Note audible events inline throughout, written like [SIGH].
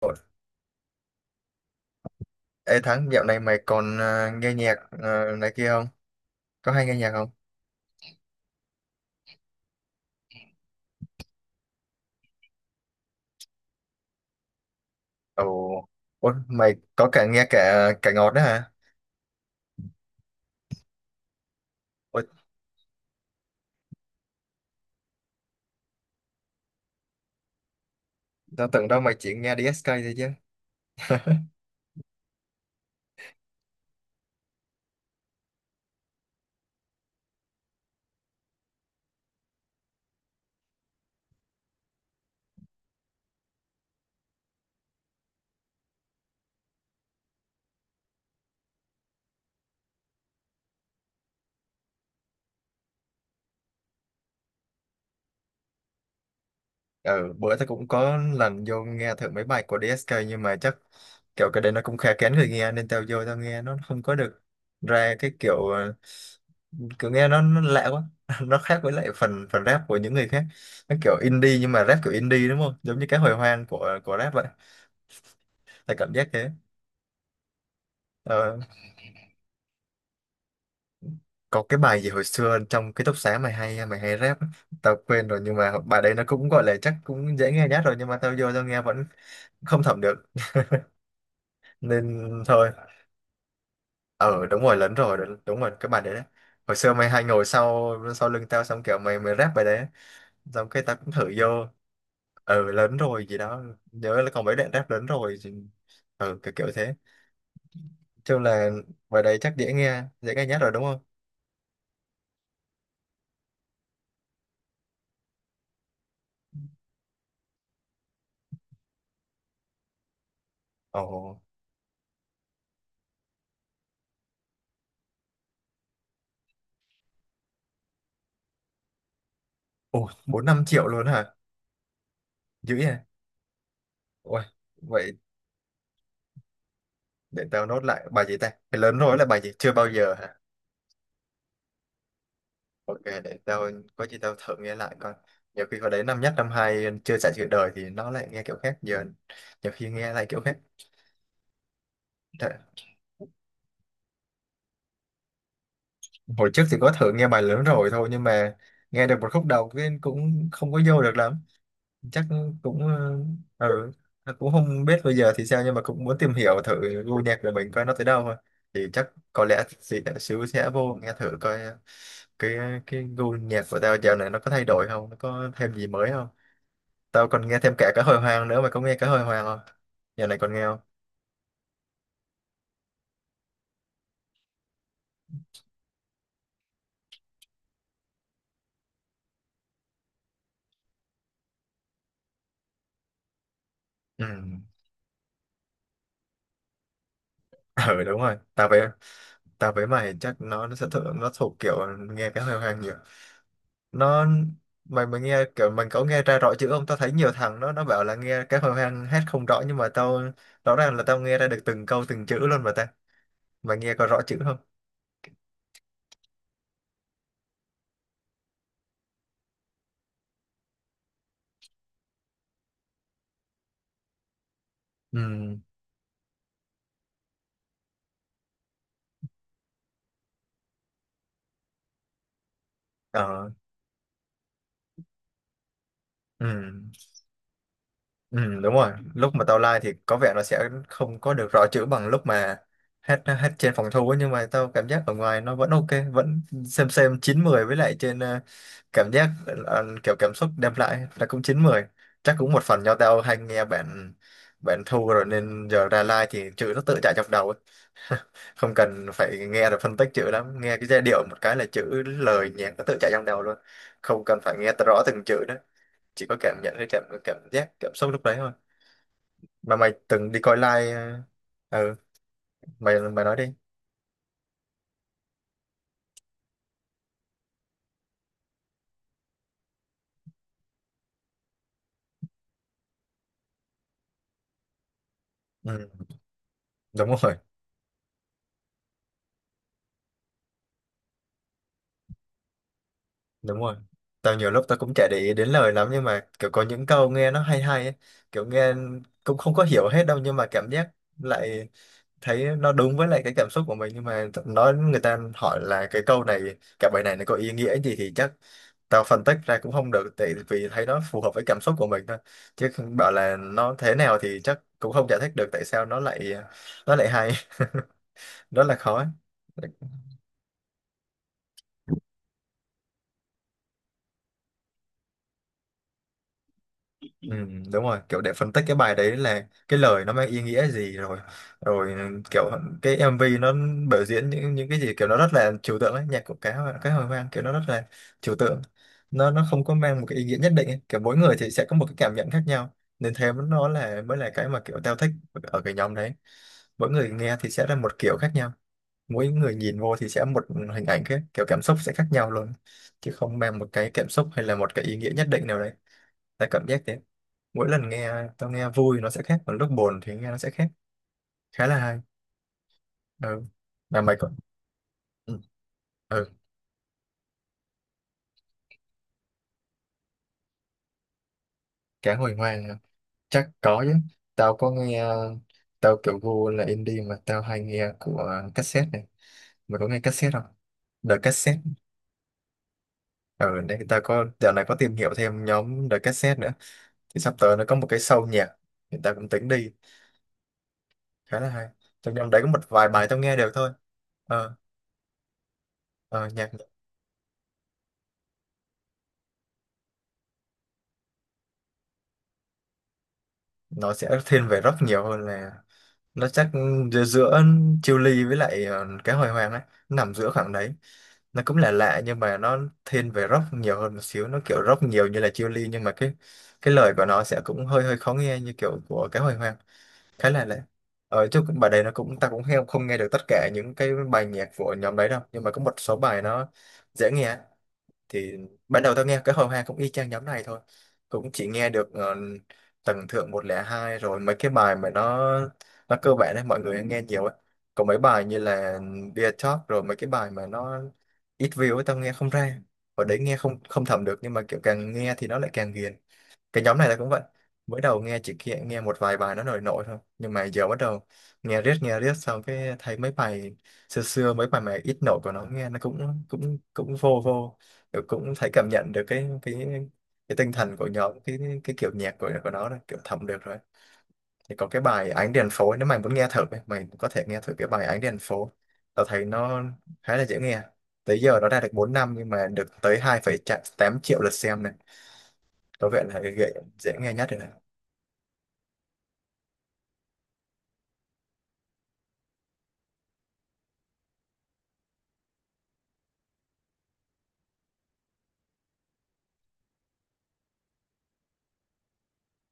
Ủa, ê Thắng, dạo này mày còn nghe nhạc này kia không? Có hay nghe nhạc không? Ồ. Ủa, mày có cả nghe cả cả ngọt đó hả? Ủa, tao tưởng đâu mày chỉ nghe DSK thôi chứ. Ừ, bữa tao cũng có lần vô nghe thử mấy bài của DSK nhưng mà chắc kiểu cái đấy nó cũng khá kén người nghe nên tao vô tao nghe nó không có được ra cái kiểu, nghe nó lạ quá. [LAUGHS] Nó khác với lại phần phần rap của những người khác. Nó kiểu indie nhưng mà rap kiểu indie đúng không? Giống như cái hồi hoang của rap vậy. Tao cảm giác thế. Ờ, có cái bài gì hồi xưa trong ký túc xá mày hay rap á. Tao quên rồi nhưng mà bài đấy nó cũng gọi là chắc cũng dễ nghe nhất rồi nhưng mà tao vô tao nghe vẫn không thẩm được nên thôi. Ờ đúng rồi, lấn rồi, đúng đúng rồi, cái bài đấy đấy. Hồi xưa mày hay ngồi sau sau lưng tao xong kiểu mày mày rap bài đấy xong cái tao cũng thử vô. Ừ lớn rồi gì đó, nhớ là còn mấy đoạn rap ừ kiểu kiểu thế, chung là bài đấy chắc dễ nghe nhất rồi đúng không. Ồ. Ồ, 4-5 triệu luôn hả, dữ vậy. Ôi, vậy để tao nốt lại bài gì ta, cái lớn rối là bài gì, chưa bao giờ hả. OK, để tao, có gì tao thử nghe lại coi. Nhiều khi hồi đấy năm nhất năm hai chưa trải sự đời thì nó lại nghe kiểu khác giờ, nhiều khi nghe lại kiểu khác. Thật- hồi trước thì có thử nghe bài lớn rồi thôi nhưng mà nghe được một khúc đầu cái cũng không có vô được lắm. chắc cũng ờ, ừ, cũng không biết bây giờ thì sao nhưng mà cũng muốn tìm hiểu thử gu nhạc của mình coi nó tới đâu thôi. Thì chắc có lẽ chị đã xíu sẽ vô nghe thử coi, cái cái gu nhạc của tao dạo này nó có thay đổi không, nó có thêm gì mới không. Tao còn nghe thêm cả cá hồi hoang nữa, mày có nghe cá hồi hoang không, dạo này còn nghe không. Ừ. [LAUGHS] Ừ đúng rồi, tao với mày chắc nó sẽ thuộc, nó thuộc kiểu nghe cá hồi hoang nhiều. Nó, mày mày nghe kiểu mình có nghe ra rõ chữ không, tao thấy nhiều thằng nó bảo là nghe cái hồi hoang hát không rõ nhưng mà tao rõ ràng là tao nghe ra được từng câu từng chữ luôn mà ta. Mày nghe có rõ chữ không. Ừ. Ờ. Ừ. Ừ, đúng rồi, lúc mà tao like thì có vẻ nó sẽ không có được rõ chữ bằng lúc mà hát hát trên phòng thu ấy, nhưng mà tao cảm giác ở ngoài nó vẫn ok, vẫn xem chín mười, với lại trên cảm giác kiểu cảm xúc đem lại là cũng chín mười. Chắc cũng một phần do tao hay nghe bản bản thu rồi nên giờ ra like thì chữ nó tự chạy trong đầu ấy. [LAUGHS] Không cần phải nghe rồi phân tích chữ lắm, nghe cái giai điệu một cái là chữ lời nhạc nó tự chạy trong đầu luôn, không cần phải nghe rõ từng chữ đó, chỉ có cảm nhận cái cảm cảm giác cảm xúc lúc đấy thôi. Mà mày từng đi coi live. ờ, ừ mày mày nói đi. Ừ đúng rồi, đúng rồi, tao nhiều lúc tao cũng chả để ý đến lời lắm nhưng mà kiểu có những câu nghe nó hay hay ấy. Kiểu nghe cũng không có hiểu hết đâu nhưng mà cảm giác lại thấy nó đúng với lại cái cảm xúc của mình, nhưng mà nói người ta hỏi là cái câu này, cái bài này nó có ý nghĩa gì thì chắc tao phân tích ra cũng không được, tại vì thấy nó phù hợp với cảm xúc của mình thôi, chứ không bảo là nó thế nào thì chắc cũng không giải thích được tại sao nó lại hay. [LAUGHS] Rất là khó ấy. Ừ, đúng rồi, kiểu để phân tích cái bài đấy là cái lời nó mang ý nghĩa gì rồi, rồi kiểu cái MV nó biểu diễn những cái gì, kiểu nó rất là trừu tượng ấy, nhạc của cá hồi hoang kiểu nó rất là trừu tượng, nó không có mang một cái ý nghĩa nhất định ấy. Kiểu mỗi người thì sẽ có một cái cảm nhận khác nhau nên nó mới là cái mà kiểu tao thích ở cái nhóm đấy. Mỗi người nghe thì sẽ là một kiểu khác nhau, mỗi người nhìn vô thì sẽ một hình ảnh khác, kiểu cảm xúc sẽ khác nhau luôn, chứ không mang một cái cảm xúc hay là một cái ý nghĩa nhất định nào đấy, tại cảm giác thế. Mỗi lần nghe tao nghe vui nó sẽ khác, còn lúc buồn thì nghe nó sẽ khác, khá là hay. Ừ. Mà mày còn. ừ, ừ. Cá hồi hoang hả? Chắc có chứ, tao có nghe, tao kiểu gu là indie mà tao hay nghe của cassette này. Mày có nghe cassette không, The Cassette. Ở đây ta có dạo này có tìm hiểu thêm nhóm The Cassette nữa, thì sắp tới nó có một cái show nhạc thì ta cũng tính đi, khá là hay. Trong nhóm đấy có một vài bài tao nghe được thôi. ờ, ờ, nhạc nó sẽ thiên về rock nhiều hơn là, nó chắc giữa Chiêu Ly với lại cái hồi hoàng ấy, nó nằm giữa khoảng đấy, nó cũng là lạ nhưng mà nó thiên về rock nhiều hơn một xíu, nó kiểu rock nhiều như là Chiêu Ly nhưng mà cái lời của nó sẽ cũng hơi hơi khó nghe như kiểu của cái hồi hoàng, khá là lạ. Bài đấy nó cũng, ta cũng không không nghe được tất cả những cái bài nhạc của nhóm đấy đâu, nhưng mà có một số bài nó dễ nghe, thì ban đầu tao nghe cái hồi hoa cũng y chang nhóm này thôi, cũng chỉ nghe được Tầng Thượng 102 rồi mấy cái bài mà nó cơ bản đấy, mọi người nghe nhiều ấy. Còn mấy bài như là Dear Talk, rồi mấy cái bài mà nó ít view ấy tao nghe không ra, hồi đấy nghe không không thẩm được, nhưng mà kiểu càng nghe thì nó lại càng ghiền. Cái nhóm này là cũng vậy, mới đầu nghe chỉ kia nghe một vài bài nó nổi nổi thôi, nhưng mà giờ bắt đầu nghe riết xong cái thấy mấy bài xưa xưa mấy bài mà ít nổi của nó nghe nó cũng cũng cũng vô vô. Kiểu cũng thấy cảm nhận được cái tinh thần của nhóm, cái kiểu nhạc của nó rồi, kiểu thẩm được rồi. Thì có cái bài Ánh Đèn Phố, nếu mày muốn nghe thử mày có thể nghe thử cái bài Ánh Đèn Phố, tao thấy nó khá là dễ nghe. Tới giờ nó ra được 4 năm nhưng mà được tới hai phẩy tám triệu lượt xem này, có vẻ là cái dễ dễ nghe nhất rồi.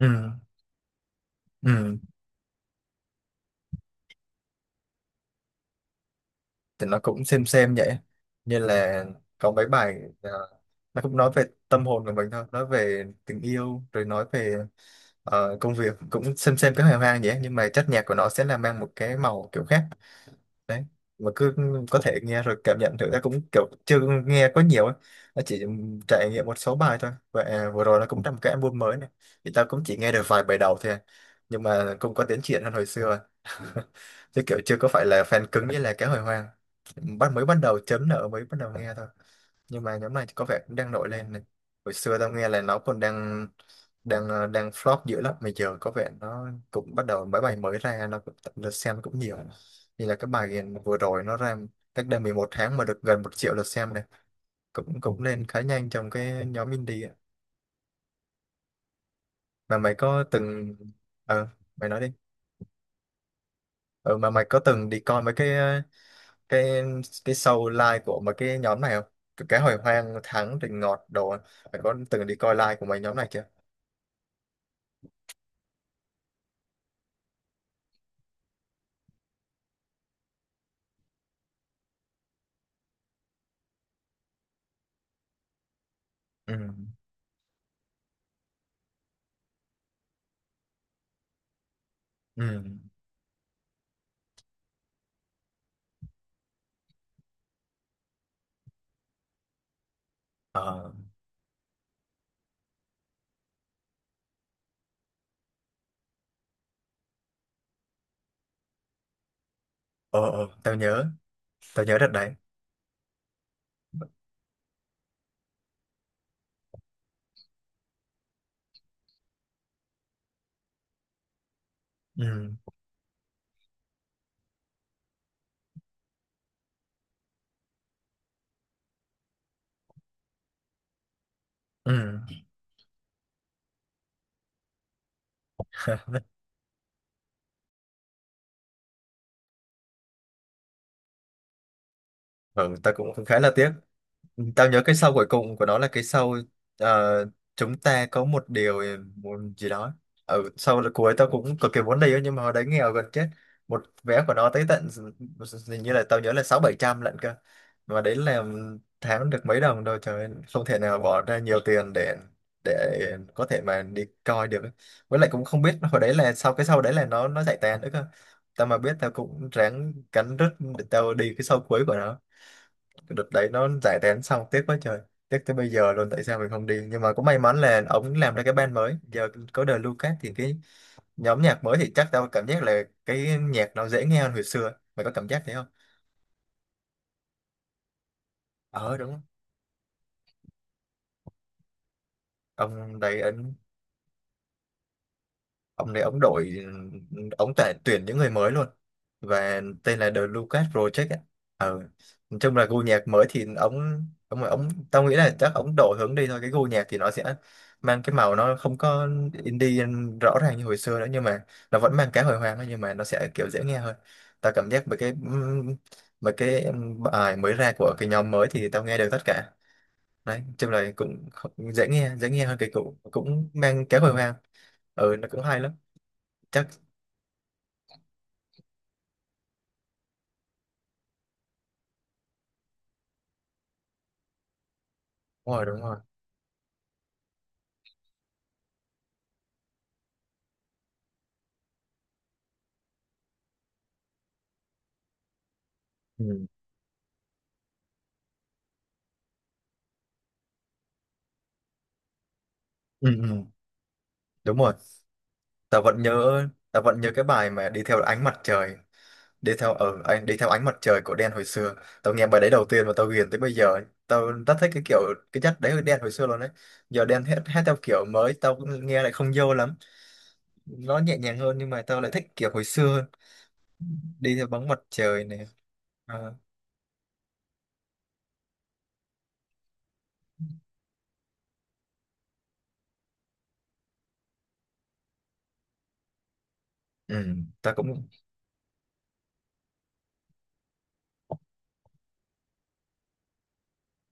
Ừ, ừ, thì nó cũng xem vậy, như là có mấy bài à, nó cũng nói về tâm hồn của mình thôi, nói về tình yêu, rồi nói về công việc, cũng xem cái hài hoang vậy, nhưng mà chất nhạc của nó sẽ là mang một cái màu kiểu khác. Đấy, mà cứ có thể nghe rồi cảm nhận thử, ta cũng kiểu chưa nghe có nhiều ấy, nó chỉ trải nghiệm một số bài thôi, và à, vừa rồi nó cũng ra một cái album mới này, thì tao cũng chỉ nghe được vài bài đầu thôi à. Nhưng mà cũng có tiến triển hơn hồi xưa. [LAUGHS] Chứ kiểu chưa có phải là fan cứng như là cái hồi hoang, mới bắt đầu chấm nợ, mới bắt đầu nghe thôi. Nhưng mà nhóm này thì có vẻ cũng đang nổi lên này. Hồi xưa tao nghe là nó còn đang đang ờ, đang flop dữ lắm, mà giờ có vẻ nó cũng bắt đầu mấy bài mới ra nó cũng lượt xem cũng nhiều, như là cái bài vừa rồi nó ra cách đây 11 tháng mà được gần 1 triệu lượt xem này, cũng cũng lên khá nhanh trong cái nhóm indie ạ. Mà mày có từng ờ mày nói đi. Ờ mà mày có từng đi coi mấy cái cái cái show live của mấy cái nhóm này không, cái hồi hoang thắng rình ngọt đồ á? Mày có từng đi coi live của mấy nhóm này chưa? Ừ, ừ, ờ ờ tao nhớ, tao nhớ đợt đấy. Ừ, ừ. [LAUGHS] Ừ, tao cũng khá là tiếc. Tao nhớ cái sau cuối cùng của nó là cái sau ờ, chúng ta có một điều, một gì đó. Ở sau là cuối tao cũng cực kỳ muốn đi á, nhưng mà hồi đấy nghèo gần chết. Một vé của nó tới tận hình như là tao nhớ là sáu bảy trăm lận cơ. Mà đấy là tháng được mấy đồng đâu trời ơi, không thể nào bỏ ra nhiều tiền để có thể mà đi coi được ấy. Với lại cũng không biết hồi đấy là sau cái sau đấy là nó giải tán nữa cơ. Tao mà biết tao cũng ráng cắn rứt để tao đi cái sau cuối của nó. Cái đợt đấy nó giải tán xong tiếc quá trời, tiếc tới bây giờ luôn, tại sao mình không đi. Nhưng mà cũng may mắn là ông làm ra cái band mới, giờ có đời Lucas thì cái nhóm nhạc mới thì chắc tao cảm giác là cái nhạc nó dễ nghe hơn hồi xưa, mày có cảm giác thế không? Ờ đúng không? Ông đấy ấn, ông này ông đổi, ông tại tuyển những người mới luôn, và tên là The Lucas Project ấy. Ờ. Nói chung là gu nhạc mới thì ông tao nghĩ là chắc ông đổi hướng đi thôi, cái gu nhạc thì nó sẽ mang cái màu, nó không có indie rõ ràng như hồi xưa nữa, nhưng mà nó vẫn mang cái hồi hoang thôi, nhưng mà nó sẽ kiểu dễ nghe hơn. Tao cảm giác về cái mấy cái bài mới ra của cái nhóm mới thì tao nghe được tất cả đấy. Nói chung là cũng dễ nghe, dễ nghe hơn cái cũ, cũng mang cái hồi hoang. Ừ nó cũng hay lắm. Chắc. Đúng rồi, đúng rồi. Ừ. Ừ, ừ. Đúng rồi, tớ vẫn nhớ, tớ vẫn nhớ cái bài mà đi theo ánh mặt trời, đi theo ánh mặt trời của Đen hồi xưa. Tao nghe bài đấy đầu tiên mà tao ghiền tới bây giờ. Tao rất thích cái kiểu, cái chất đấy của Đen hồi xưa luôn đấy. Giờ Đen hát, hát theo kiểu mới tao cũng nghe lại không vô lắm, nó nhẹ nhàng hơn, nhưng mà tao lại thích kiểu hồi xưa hơn. Đi theo bóng mặt trời này. À, ừ, tao cũng.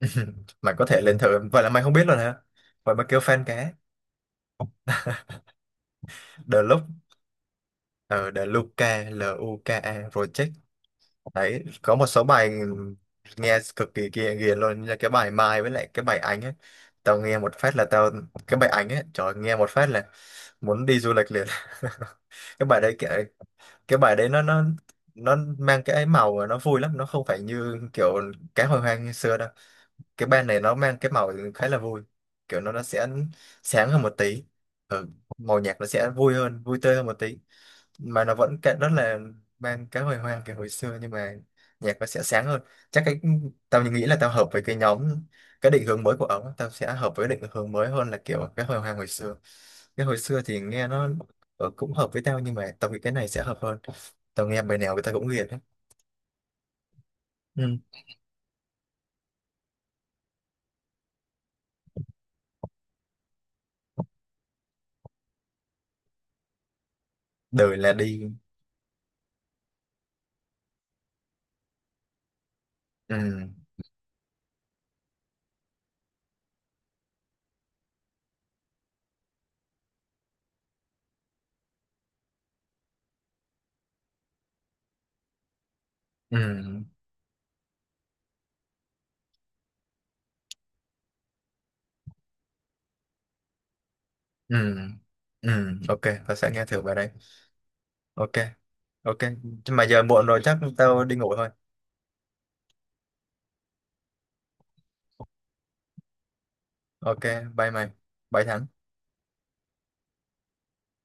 [LAUGHS] Mày có thể lên thử. Vậy là mày không biết rồi hả? Vậy mà kêu fan cá. The Look, ờ The Luca, LUKA Project đấy, có một số bài nghe cực kỳ kia ghiền luôn, như là cái bài Mai với lại cái bài Ánh ấy. Tao nghe một phát là tao, cái bài Ánh ấy trời ơi, nghe một phát là muốn đi du lịch liền. [LAUGHS] Cái bài đấy cái bài đấy nó nó mang cái ấy màu mà nó vui lắm, nó không phải như kiểu cá hồi hoang như xưa đâu. Cái ban này nó mang cái màu khá là vui, kiểu nó sẽ sáng hơn một tí. Ừ, màu nhạc nó sẽ vui hơn, vui tươi hơn một tí, mà nó vẫn cái- rất là mang cái hồi hoang kiểu hồi xưa, nhưng mà nhạc nó sẽ sáng hơn. Chắc cái, tao nghĩ là tao hợp với cái nhóm, cái định hướng mới của ổng, tao sẽ hợp với định hướng mới hơn là kiểu cái hồi hoang hồi xưa. Cái hồi xưa thì nghe nó, ừ, cũng hợp với tao, nhưng mà tao nghĩ cái này sẽ hợp hơn. Tao nghe bài nào người ta cũng ghiền hết. Ừ. Đời là đi. Ừ. Ừ. Ừ, ừ, ok, tao sẽ nghe thử bài đấy. Ok, ok. Nhưng mà giờ muộn rồi chắc tao đi ngủ thôi. Ok, bye mày. Bye Thắng.